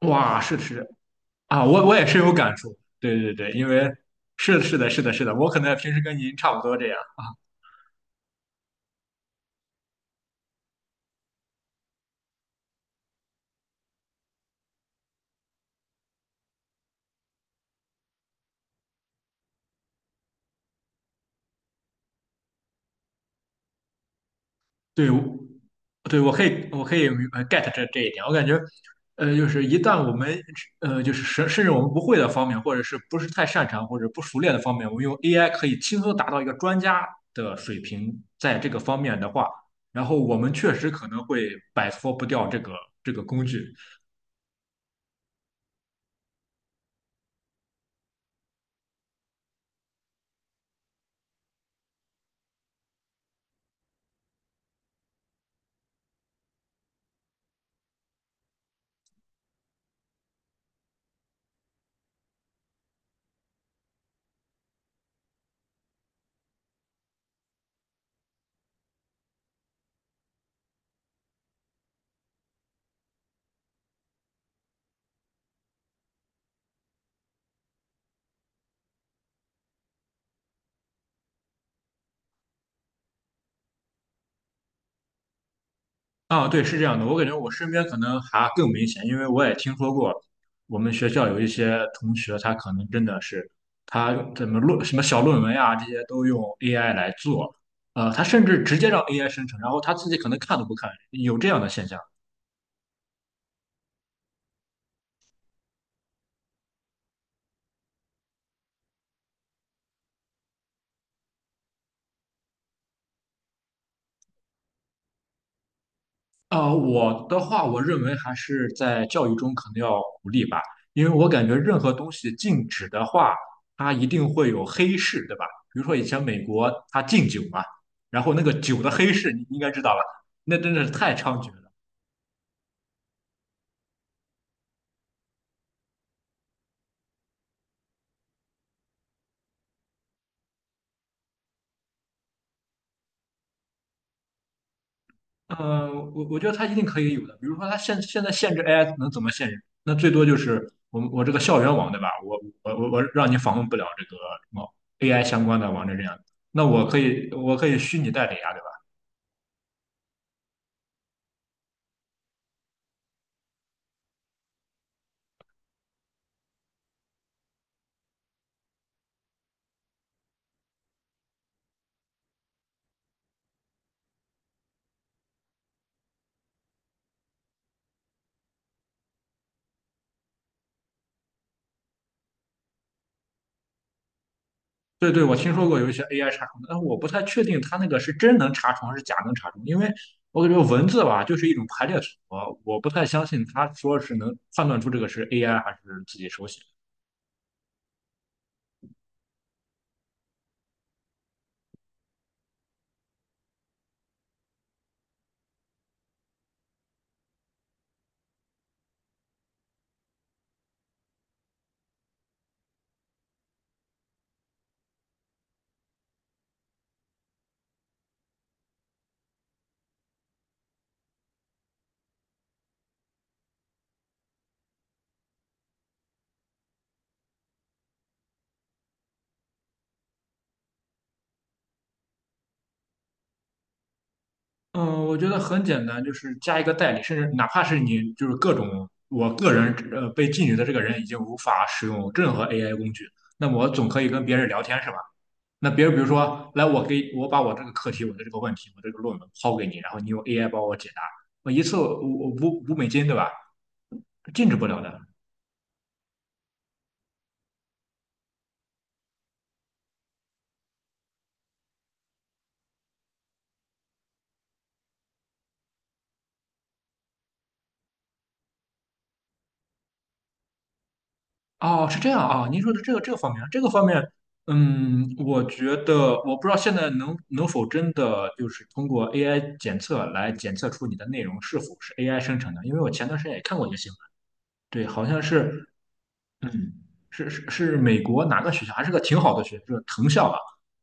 哇，是的是的啊，我也深有感触。对对对，因为是的，是的，是的，是的，我可能平时跟您差不多这样。对，我可以明白 get 这一点。我感觉，就是一旦我们就是甚至我们不会的方面，或者是不是太擅长或者不熟练的方面，我们用 AI 可以轻松达到一个专家的水平，在这个方面的话，然后我们确实可能会摆脱不掉这个工具。啊，对，是这样的，我感觉我身边可能还更明显，因为我也听说过，我们学校有一些同学，他可能真的是他怎么论什么小论文啊，这些都用 AI 来做，他甚至直接让 AI 生成，然后他自己可能看都不看，有这样的现象。我的话，我认为还是在教育中可能要鼓励吧，因为我感觉任何东西禁止的话，它一定会有黑市，对吧？比如说以前美国它禁酒嘛，然后那个酒的黑市，你应该知道吧？那真的是太猖獗了。嗯、我觉得它一定可以有的，比如说它现在限制 AI 能怎么限制？那最多就是我这个校园网，对吧？我让你访问不了这个什么 AI 相关的网站这样，那我可以虚拟代理啊，对吧？对对，我听说过有一些 AI 查重的，但我不太确定它那个是真能查重还是假能查重，因为我感觉文字吧就是一种排列组合，我不太相信他说是能判断出这个是 AI 还是自己手写。嗯，我觉得很简单，就是加一个代理，甚至哪怕是你就是各种，我个人被禁语的这个人已经无法使用任何 AI 工具，那么我总可以跟别人聊天是吧？那别人比如说，来我给我把我这个课题、我的这个问题、我这个论文抛给你，然后你用 AI 帮我解答，我一次555美金，对吧？禁止不了的。哦，是这样啊，您说的这个这个方面，这个方面，我觉得我不知道现在能否真的就是通过 AI 检测来检测出你的内容是否是 AI 生成的，因为我前段时间也看过一个新闻，对，好像是嗯，是美国哪个学校？还是个挺好的学校，是藤校吧？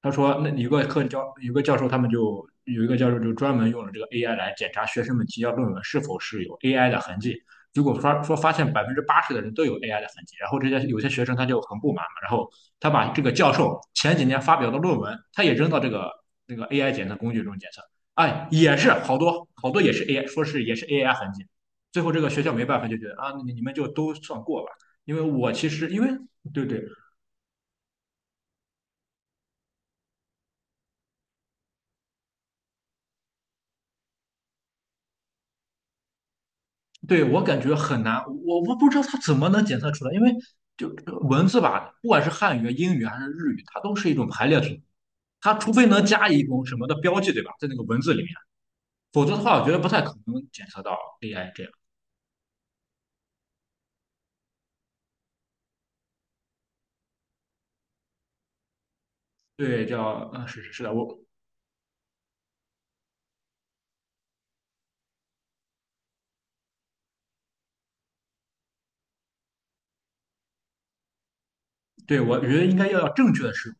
他说，那有个教授，他们就有一个教授就专门用了这个 AI 来检查学生们提交论文是否是有 AI 的痕迹。结果发现80%的人都有 AI 的痕迹，然后有些学生他就很不满嘛，然后他把这个教授前几年发表的论文，他也扔到那个 AI 检测工具中检测，哎，也是好多好多也是 AI，说是也是 AI 痕迹。最后这个学校没办法就觉得啊，你们就都算过吧。因为对对对，我感觉很难，我不知道它怎么能检测出来，因为就文字吧，不管是汉语、英语还是日语，它都是一种排列组合，它除非能加一种什么的标记，对吧，在那个文字里面，否则的话，我觉得不太可能检测到 AI 这样。对，叫是的，我觉得应该要正确的是。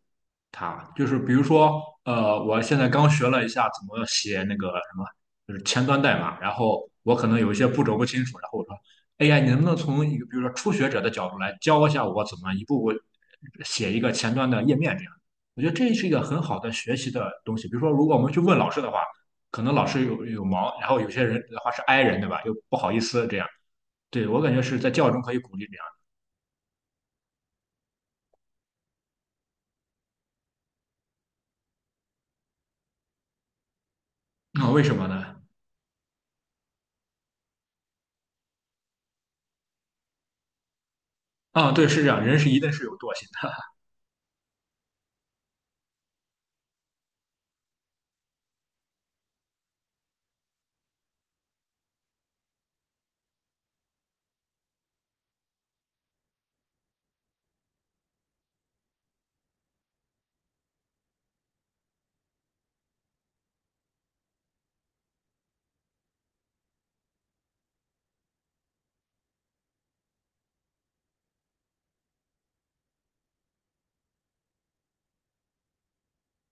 他就是比如说，我现在刚学了一下怎么写那个什么，就是前端代码，然后我可能有一些步骤不清楚，然后我说 a 呀，你能不能从一个比如说初学者的角度来教一下我怎么一步步写一个前端的页面这样？我觉得这是一个很好的学习的东西。比如说，如果我们去问老师的话，可能老师有忙，然后有些人的话是 i 人，对吧？又不好意思这样。对，我感觉是在教育中可以鼓励这样。那、为什么呢？啊，对，是这样，人是一定是有惰性的。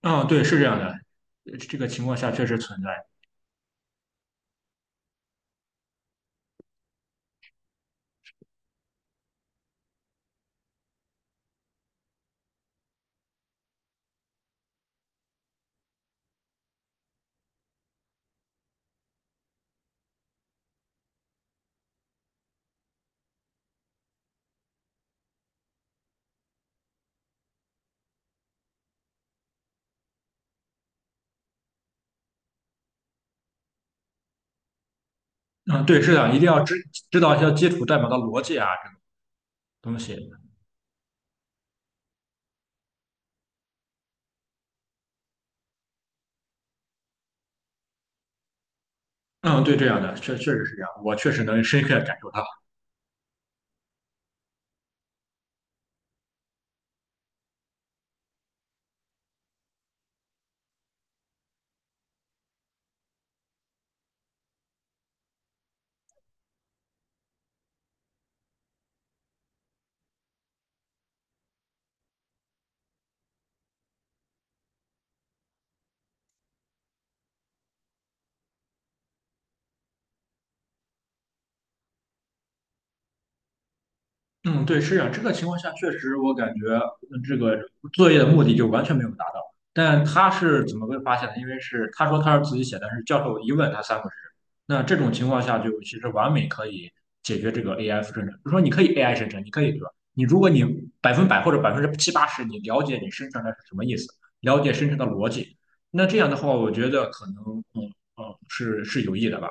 嗯，对，是这样的，这个情况下确实存在。嗯，对，是的，一定要知道一些基础代码的逻辑啊，这个东西。嗯，对，这样的，确实是这样，我确实能深刻地感受到。嗯，对，是啊，这个情况下确实，我感觉这个作业的目的就完全没有达到。但他是怎么被发现的？因为是他说他是自己写的，但是教授一问他三不知。那这种情况下，就其实完美可以解决这个 AI 生成。比如说，你可以 AI 生成，你可以对吧？你如果100%或者70%-80%，你了解你生成的是什么意思，了解生成的逻辑，那这样的话，我觉得可能是有益的吧。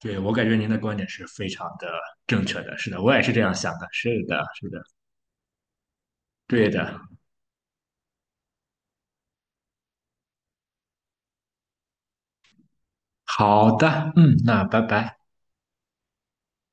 对，我感觉您的观点是非常的正确的，是的，我也是这样想的，是的，是的，对的，好的，嗯，那拜拜。